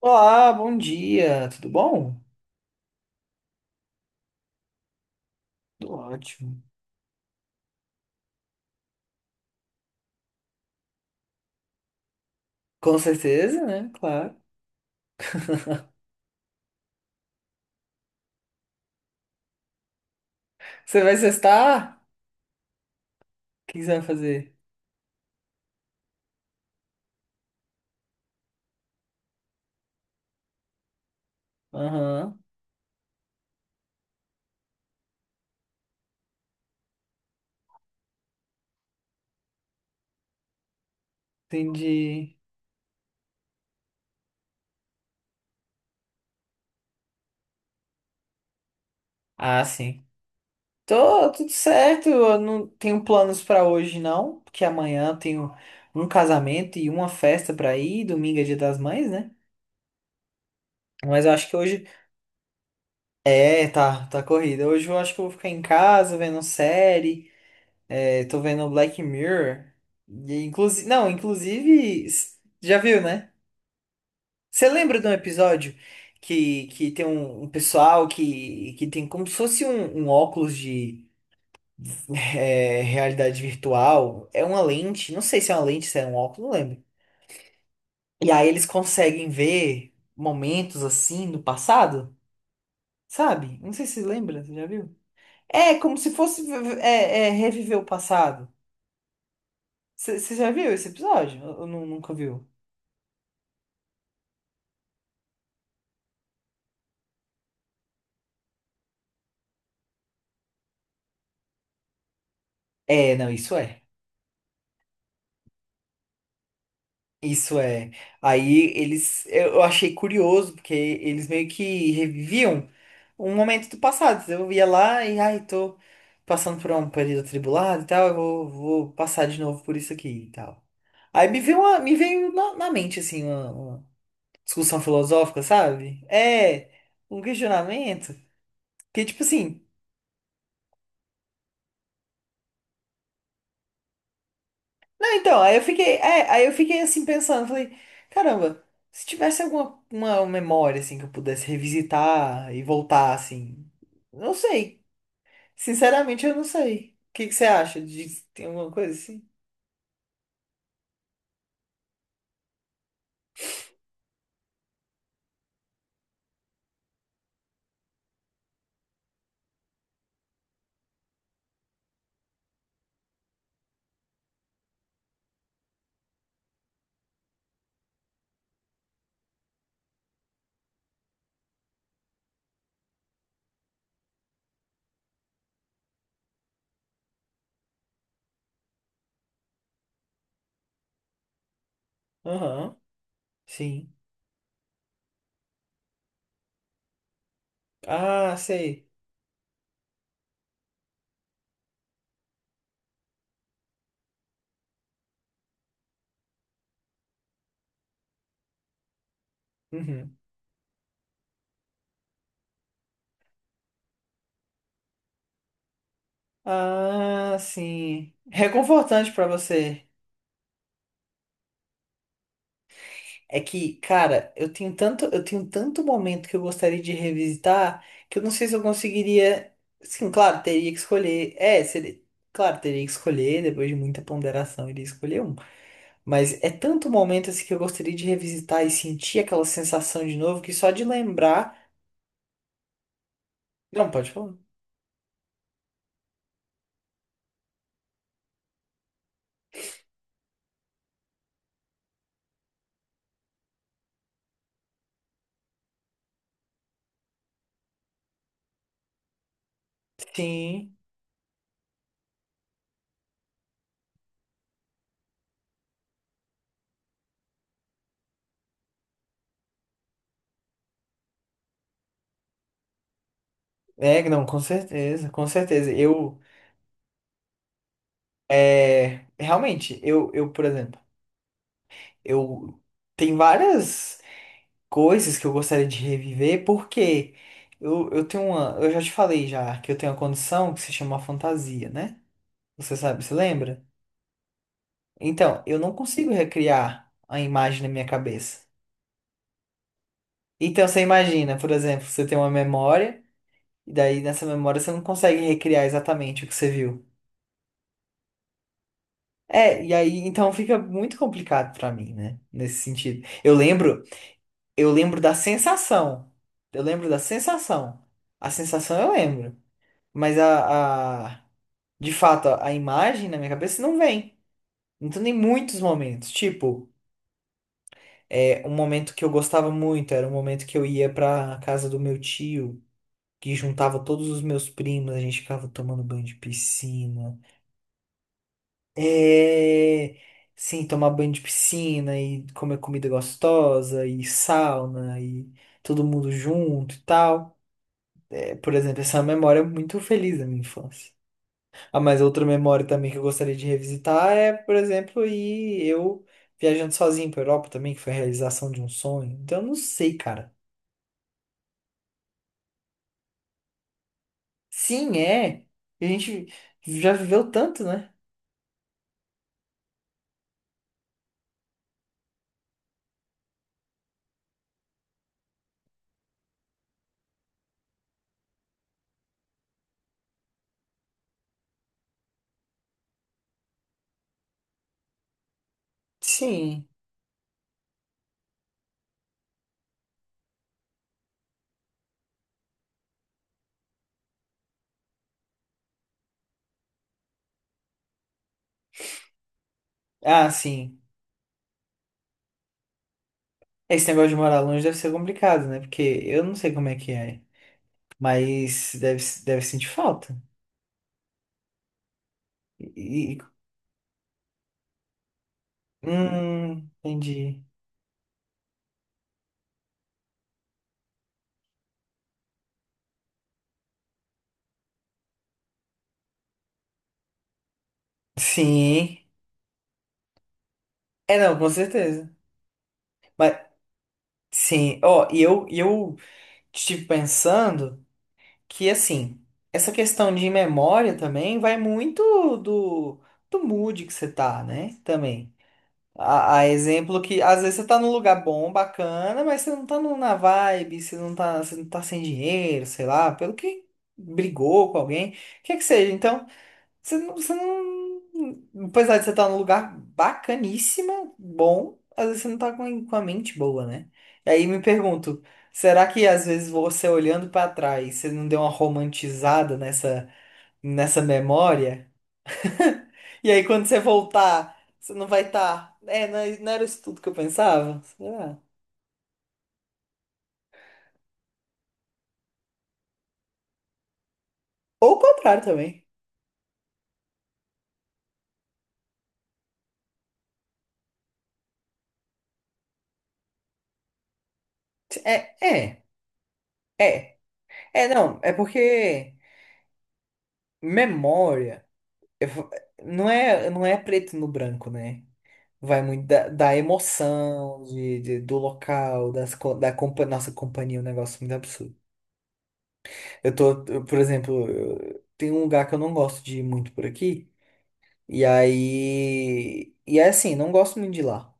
Olá, bom dia, tudo bom? Tudo ótimo. Com certeza, né? Claro. Você vai sextar? O que que você vai fazer? Aham, entendi. Ah, sim. Tô tudo certo, eu não tenho planos pra hoje não, porque amanhã eu tenho um casamento e uma festa pra ir, domingo é Dia das Mães, né? Mas eu acho que hoje é, tá, tá corrida. Hoje eu acho que eu vou ficar em casa vendo série, é, tô vendo Black Mirror. E inclusive, não, inclusive, já viu, né? Você lembra de um episódio que tem um pessoal que tem como se fosse um óculos de realidade virtual? É uma lente, não sei se é uma lente, se é um óculos, não lembro. E aí eles conseguem ver momentos assim do passado, sabe? Não sei se você lembra, você já viu? É como se fosse reviver o passado. Você já viu esse episódio? Ou nunca viu? É, não, isso é. Isso é. Aí eles, eu achei curioso, porque eles meio que reviviam um momento do passado. Eu ia lá e, ai, tô passando por um período atribulado e tal, vou passar de novo por isso aqui e tal. Aí me veio na mente, assim, uma discussão filosófica, sabe? É, um questionamento que, tipo assim. Ah, então, aí eu fiquei, aí eu fiquei assim pensando, falei, caramba, se tivesse alguma uma memória assim que eu pudesse revisitar e voltar assim, não sei. Sinceramente, eu não sei. O que que você acha de tem alguma coisa assim? Aham, sim. Ah, sei. Uhum. Ah, sim. Reconfortante pra você. É que, cara, eu tenho tanto momento que eu gostaria de revisitar que eu não sei se eu conseguiria. Sim, claro, teria que escolher. Claro, teria que escolher, depois de muita ponderação, iria escolher um. Mas é tanto momento assim que eu gostaria de revisitar e sentir aquela sensação de novo que só de lembrar. Não, pode falar. Sim, é, não, com certeza, com certeza. Eu, é, realmente, eu, por exemplo, eu tem várias coisas que eu gostaria de reviver, porque eu tenho uma. Eu já te falei já que eu tenho uma condição que se chama fantasia, né? Você sabe, você lembra? Então, eu não consigo recriar a imagem na minha cabeça. Então, você imagina, por exemplo, você tem uma memória, e daí nessa memória você não consegue recriar exatamente o que você viu. É, e aí então fica muito complicado pra mim, né? Nesse sentido. Eu lembro da sensação. Eu lembro da sensação. A sensação eu lembro. Mas de fato, a imagem na minha cabeça não vem. Então tem muitos momentos. Tipo, é, um momento que eu gostava muito era um momento que eu ia pra casa do meu tio, que juntava todos os meus primos, a gente ficava tomando banho de piscina. É. Sim, tomar banho de piscina e comer comida gostosa e sauna e todo mundo junto e tal. É, por exemplo, essa é uma memória é muito feliz da minha infância. Ah, mas outra memória também que eu gostaria de revisitar é, por exemplo, ir eu viajando sozinho para Europa também, que foi a realização de um sonho. Então, eu não sei, cara. Sim, é. A gente já viveu tanto, né? Sim. Ah, sim. Esse negócio de morar longe deve ser complicado, né? Porque eu não sei como é que é. Mas deve sentir falta. E, e- entendi. Sim. É, não, com certeza. Mas, sim. Ó, e eu estive pensando. Que assim, essa questão de memória também vai muito do mood que você tá, né? Também. A exemplo que às vezes você tá num lugar bom, bacana, mas você não tá num- na vibe, você não tá sem dinheiro, sei lá, pelo que brigou com alguém, o que é que seja. Então. Você não. Apesar de você estar num lugar bacaníssima, bom, às vezes você não tá com a mente boa, né? E aí me pergunto, será que às vezes você olhando pra trás, você não deu uma romantizada nessa memória? E aí quando você voltar, você não vai estar. É, não era isso tudo que eu pensava? Será? Ou o contrário também. É, é, é. É, não, é porque memória eu fa- não é, não é preto no branco, né? Vai muito da emoção do local, das, co- da compa- nossa companhia, é um negócio muito absurdo. Por exemplo, tem um lugar que eu não gosto de ir muito por aqui, e aí. E é assim, não gosto muito de ir lá.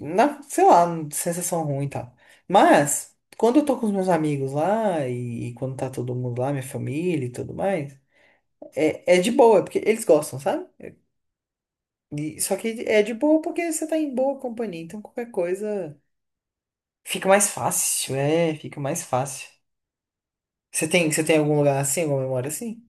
Na, sei lá, sensação ruim e tal. Mas, quando eu tô com os meus amigos lá, e quando tá todo mundo lá, minha família e tudo mais, é de boa, porque eles gostam, sabe? E- só que é de boa porque você tá em boa companhia, então qualquer coisa. Fica mais fácil, é, fica mais fácil. Você tem algum lugar assim, alguma memória assim?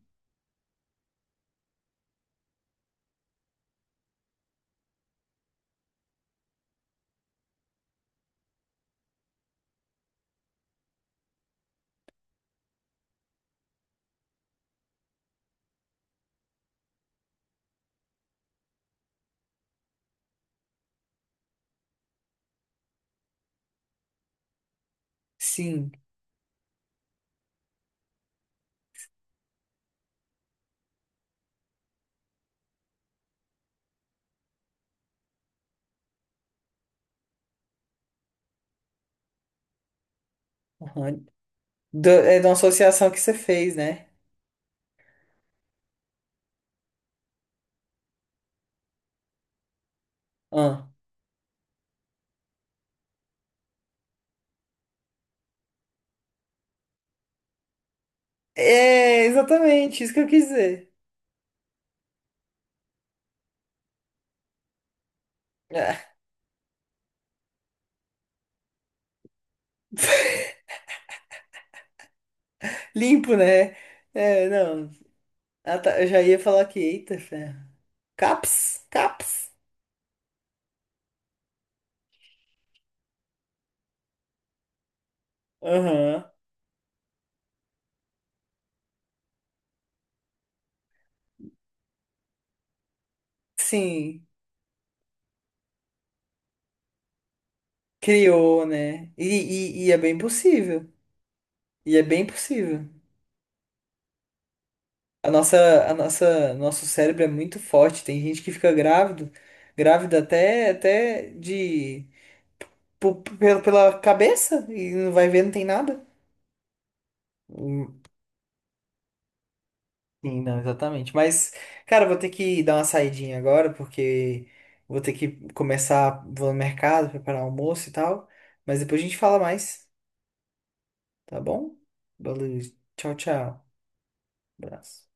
Sim. Aham. Da- é da associação que você fez, né? Ah. É, exatamente, isso que eu quis dizer. Ah, limpo, né? É, não. Ah, tá, eu já ia falar que, eita, ferro. Caps, caps. Aham. Sim, criou, né? E é bem possível. E é bem possível. Nosso cérebro é muito forte. Tem gente que fica grávido, grávida até, até de pela cabeça e não vai ver, não tem nada. Hum, Sim, não, exatamente. Mas, cara, eu vou ter que dar uma saidinha agora, porque vou ter que começar, vou no mercado, preparar almoço e tal. Mas depois a gente fala mais, tá bom? Valeu, tchau, tchau. Abraço.